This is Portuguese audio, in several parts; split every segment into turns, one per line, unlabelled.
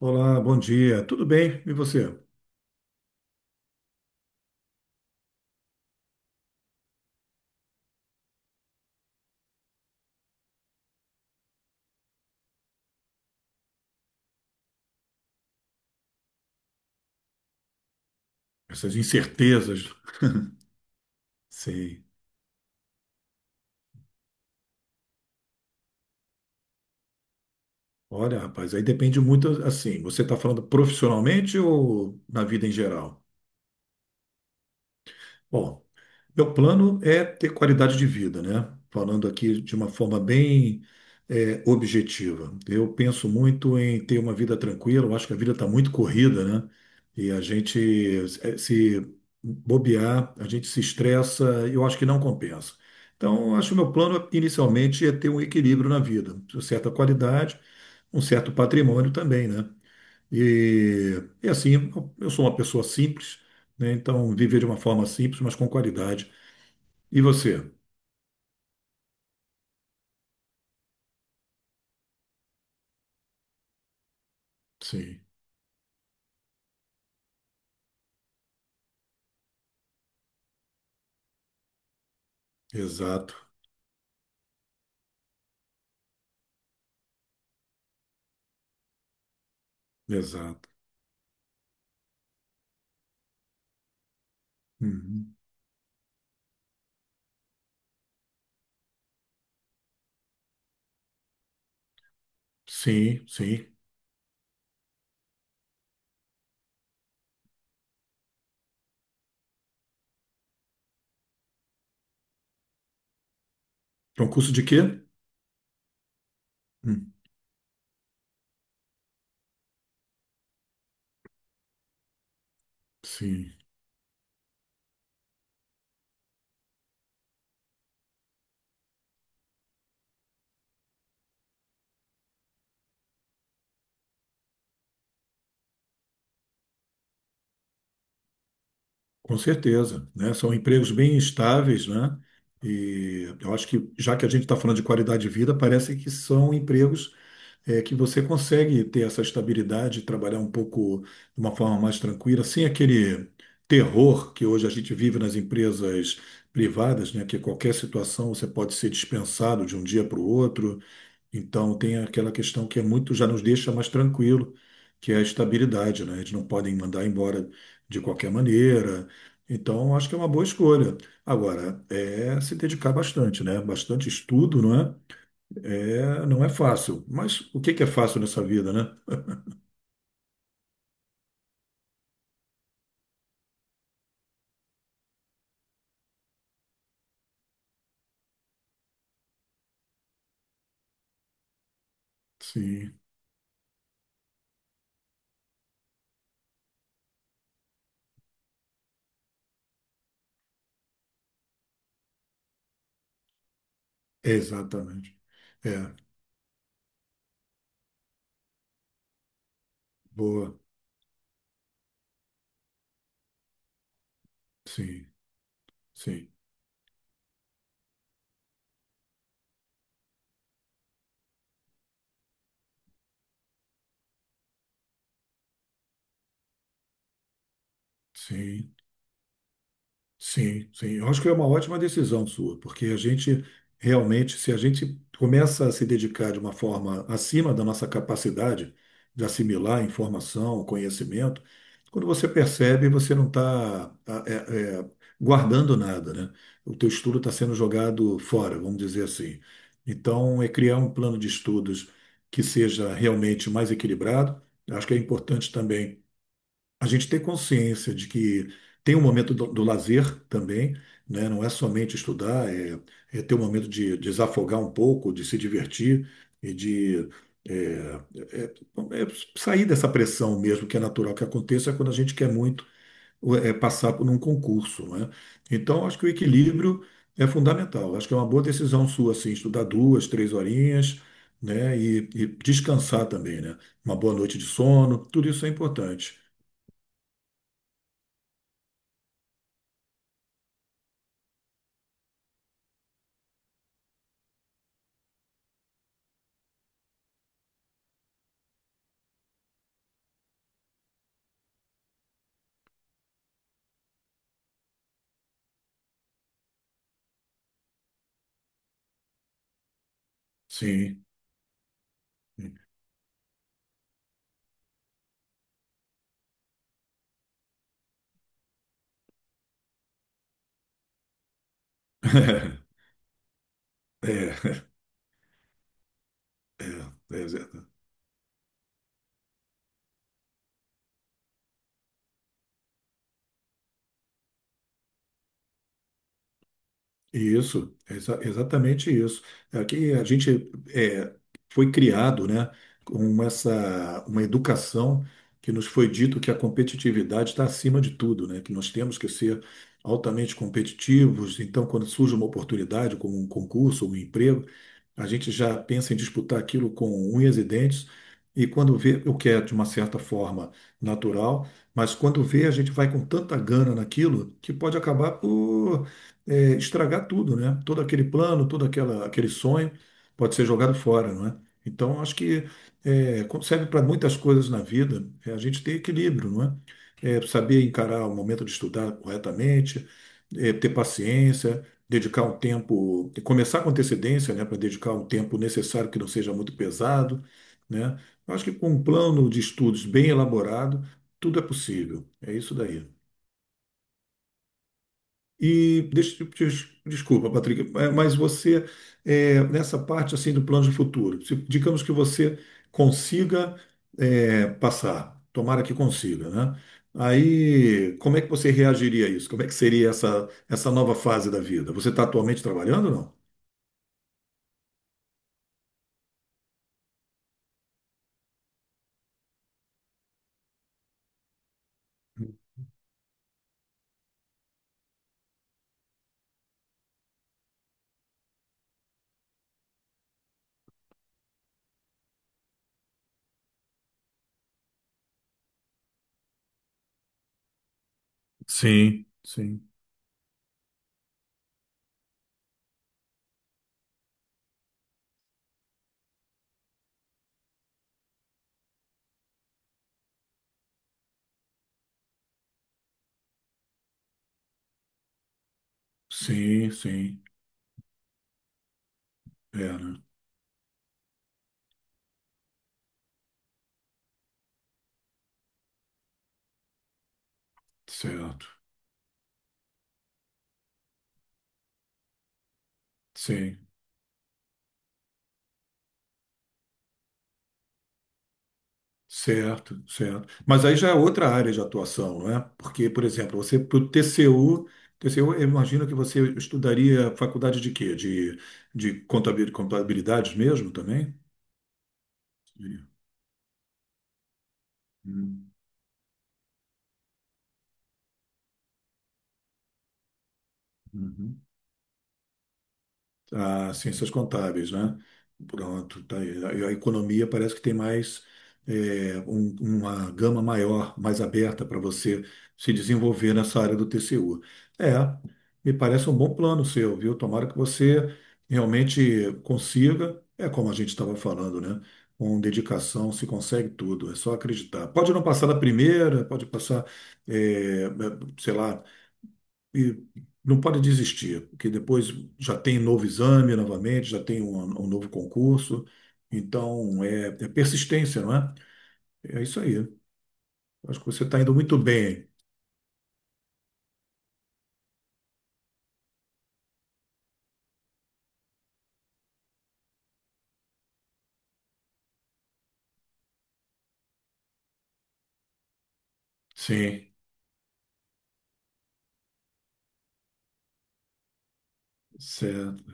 Olá, bom dia. Tudo bem? E você? Essas incertezas, sei. Olha, rapaz, aí depende muito assim. Você está falando profissionalmente ou na vida em geral? Bom, meu plano é ter qualidade de vida, né? Falando aqui de uma forma bem, objetiva. Eu penso muito em ter uma vida tranquila, eu acho que a vida está muito corrida, né? E a gente se bobear, a gente se estressa, eu acho que não compensa. Então, eu acho que meu plano inicialmente é ter um equilíbrio na vida, uma certa qualidade, um certo patrimônio também, né? E, e assim, eu sou uma pessoa simples, né? Então, viver de uma forma simples, mas com qualidade e você? Sim, exato, exato. Uhum. Sim, sim. Concurso de quê? Hum. Sim, com certeza, né? São empregos bem estáveis, né? E eu acho que, já que a gente está falando de qualidade de vida, parece que são empregos que você consegue ter essa estabilidade, trabalhar um pouco de uma forma mais tranquila, sem aquele terror que hoje a gente vive nas empresas privadas, né? Que qualquer situação você pode ser dispensado de um dia para o outro. Então tem aquela questão que é muito, já nos deixa mais tranquilo, que é a estabilidade, né? Eles não podem mandar embora de qualquer maneira. Então, acho que é uma boa escolha. Agora, é se dedicar bastante, né? Bastante estudo, não é? É, não é fácil. Mas o que que é fácil nessa vida, né? Sim, exatamente. É, boa. Sim, sim, sim. Sim, sim. Eu acho que é uma ótima decisão sua, porque a gente realmente, se a gente começa a se dedicar de uma forma acima da nossa capacidade de assimilar informação, conhecimento, quando você percebe, você não está guardando nada, né? O teu estudo está sendo jogado fora, vamos dizer assim. Então, é criar um plano de estudos que seja realmente mais equilibrado. Acho que é importante também a gente ter consciência de que tem um momento do lazer também, né? Não é somente estudar, é ter um momento de desafogar um pouco, de se divertir e de é, é- é é sair dessa pressão mesmo, que é natural que aconteça quando a gente quer muito passar por um concurso, né? Então, acho que o equilíbrio é fundamental. Acho que é uma boa decisão sua, assim, estudar duas, três horinhas, né? E descansar também, né? Uma boa noite de sono, tudo isso é importante. Sim. É, é, é, é. Isso, exatamente isso. Aqui a gente é, foi criado, né, com essa uma educação que nos foi dito que a competitividade está acima de tudo, né, que nós temos que ser altamente competitivos. Então, quando surge uma oportunidade, como um concurso, um emprego, a gente já pensa em disputar aquilo com unhas e dentes. E quando vê, o que é de uma certa forma natural, mas quando vê, a gente vai com tanta gana naquilo que pode acabar por estragar tudo, né? Todo aquele plano, todo aquela, aquele sonho pode ser jogado fora, não é? Então, acho que serve para muitas coisas na vida, é a gente ter equilíbrio, não é? É, saber encarar o momento de estudar corretamente, ter paciência, dedicar um tempo, começar com antecedência, né, para dedicar um tempo necessário que não seja muito pesado, né? Eu acho que com um plano de estudos bem elaborado, tudo é possível. É isso daí. E deixa, desculpa, Patrick, mas você, nessa parte assim do plano de futuro, digamos que você consiga passar, tomara que consiga, né? Aí, como é que você reagiria a isso? Como é que seria essa, essa nova fase da vida? Você está atualmente trabalhando ou não? Sim, sim. Sim, sim, é, né? Certo, sim. Certo, certo. Mas aí já é outra área de atuação, não é? Porque, por exemplo, você para o TCU, TCU, eu imagino que você estudaria faculdade de quê? De contabilidade mesmo também? Diria. Hum, uhum. A ciências contábeis, né? Pronto, tá aí. A economia parece que tem mais uma gama maior, mais aberta para você se desenvolver nessa área do TCU. É, me parece um bom plano seu, viu? Tomara que você realmente consiga, é como a gente estava falando, né? Com dedicação se consegue tudo, é só acreditar. Pode não passar na primeira, pode passar, é, é, sei lá, e não pode desistir, porque depois já tem novo exame novamente, já tem um, um novo concurso. Então, é, é persistência, não é? É isso aí. Acho que você está indo muito bem. Sim, certo.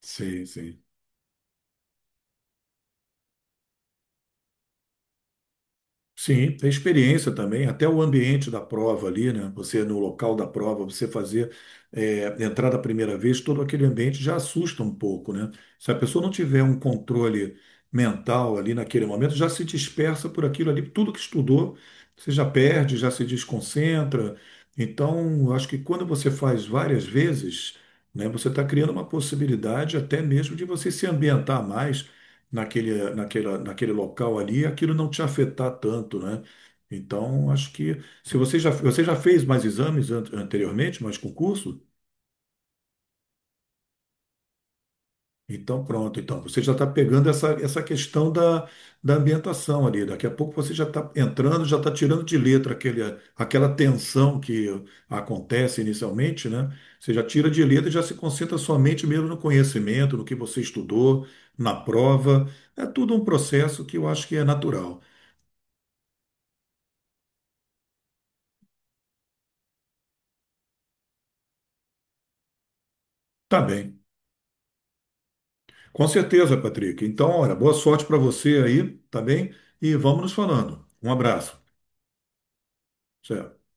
Sim, sim. Sim, tem experiência também, até o ambiente da prova ali, né? Você no local da prova, você fazer entrar da primeira vez, todo aquele ambiente já assusta um pouco, né? Se a pessoa não tiver um controle mental ali naquele momento, já se dispersa por aquilo ali, tudo que estudou, você já perde, já se desconcentra. Então, acho que quando você faz várias vezes, né, você está criando uma possibilidade até mesmo de você se ambientar mais naquele, naquela, naquele local ali, aquilo não te afetar tanto, né? Então, acho que se você já, você já fez mais exames anteriormente, mais concurso, então pronto, então você já está pegando essa, essa questão da, da ambientação ali. Daqui a pouco você já está entrando, já está tirando de letra aquele, aquela tensão que acontece inicialmente, né? Você já tira de letra e já se concentra somente mesmo no conhecimento, no que você estudou, na prova. É tudo um processo que eu acho que é natural. Tá bem. Com certeza, Patrick. Então, olha, boa sorte para você aí, tá bem? E vamos nos falando. Um abraço. Certo.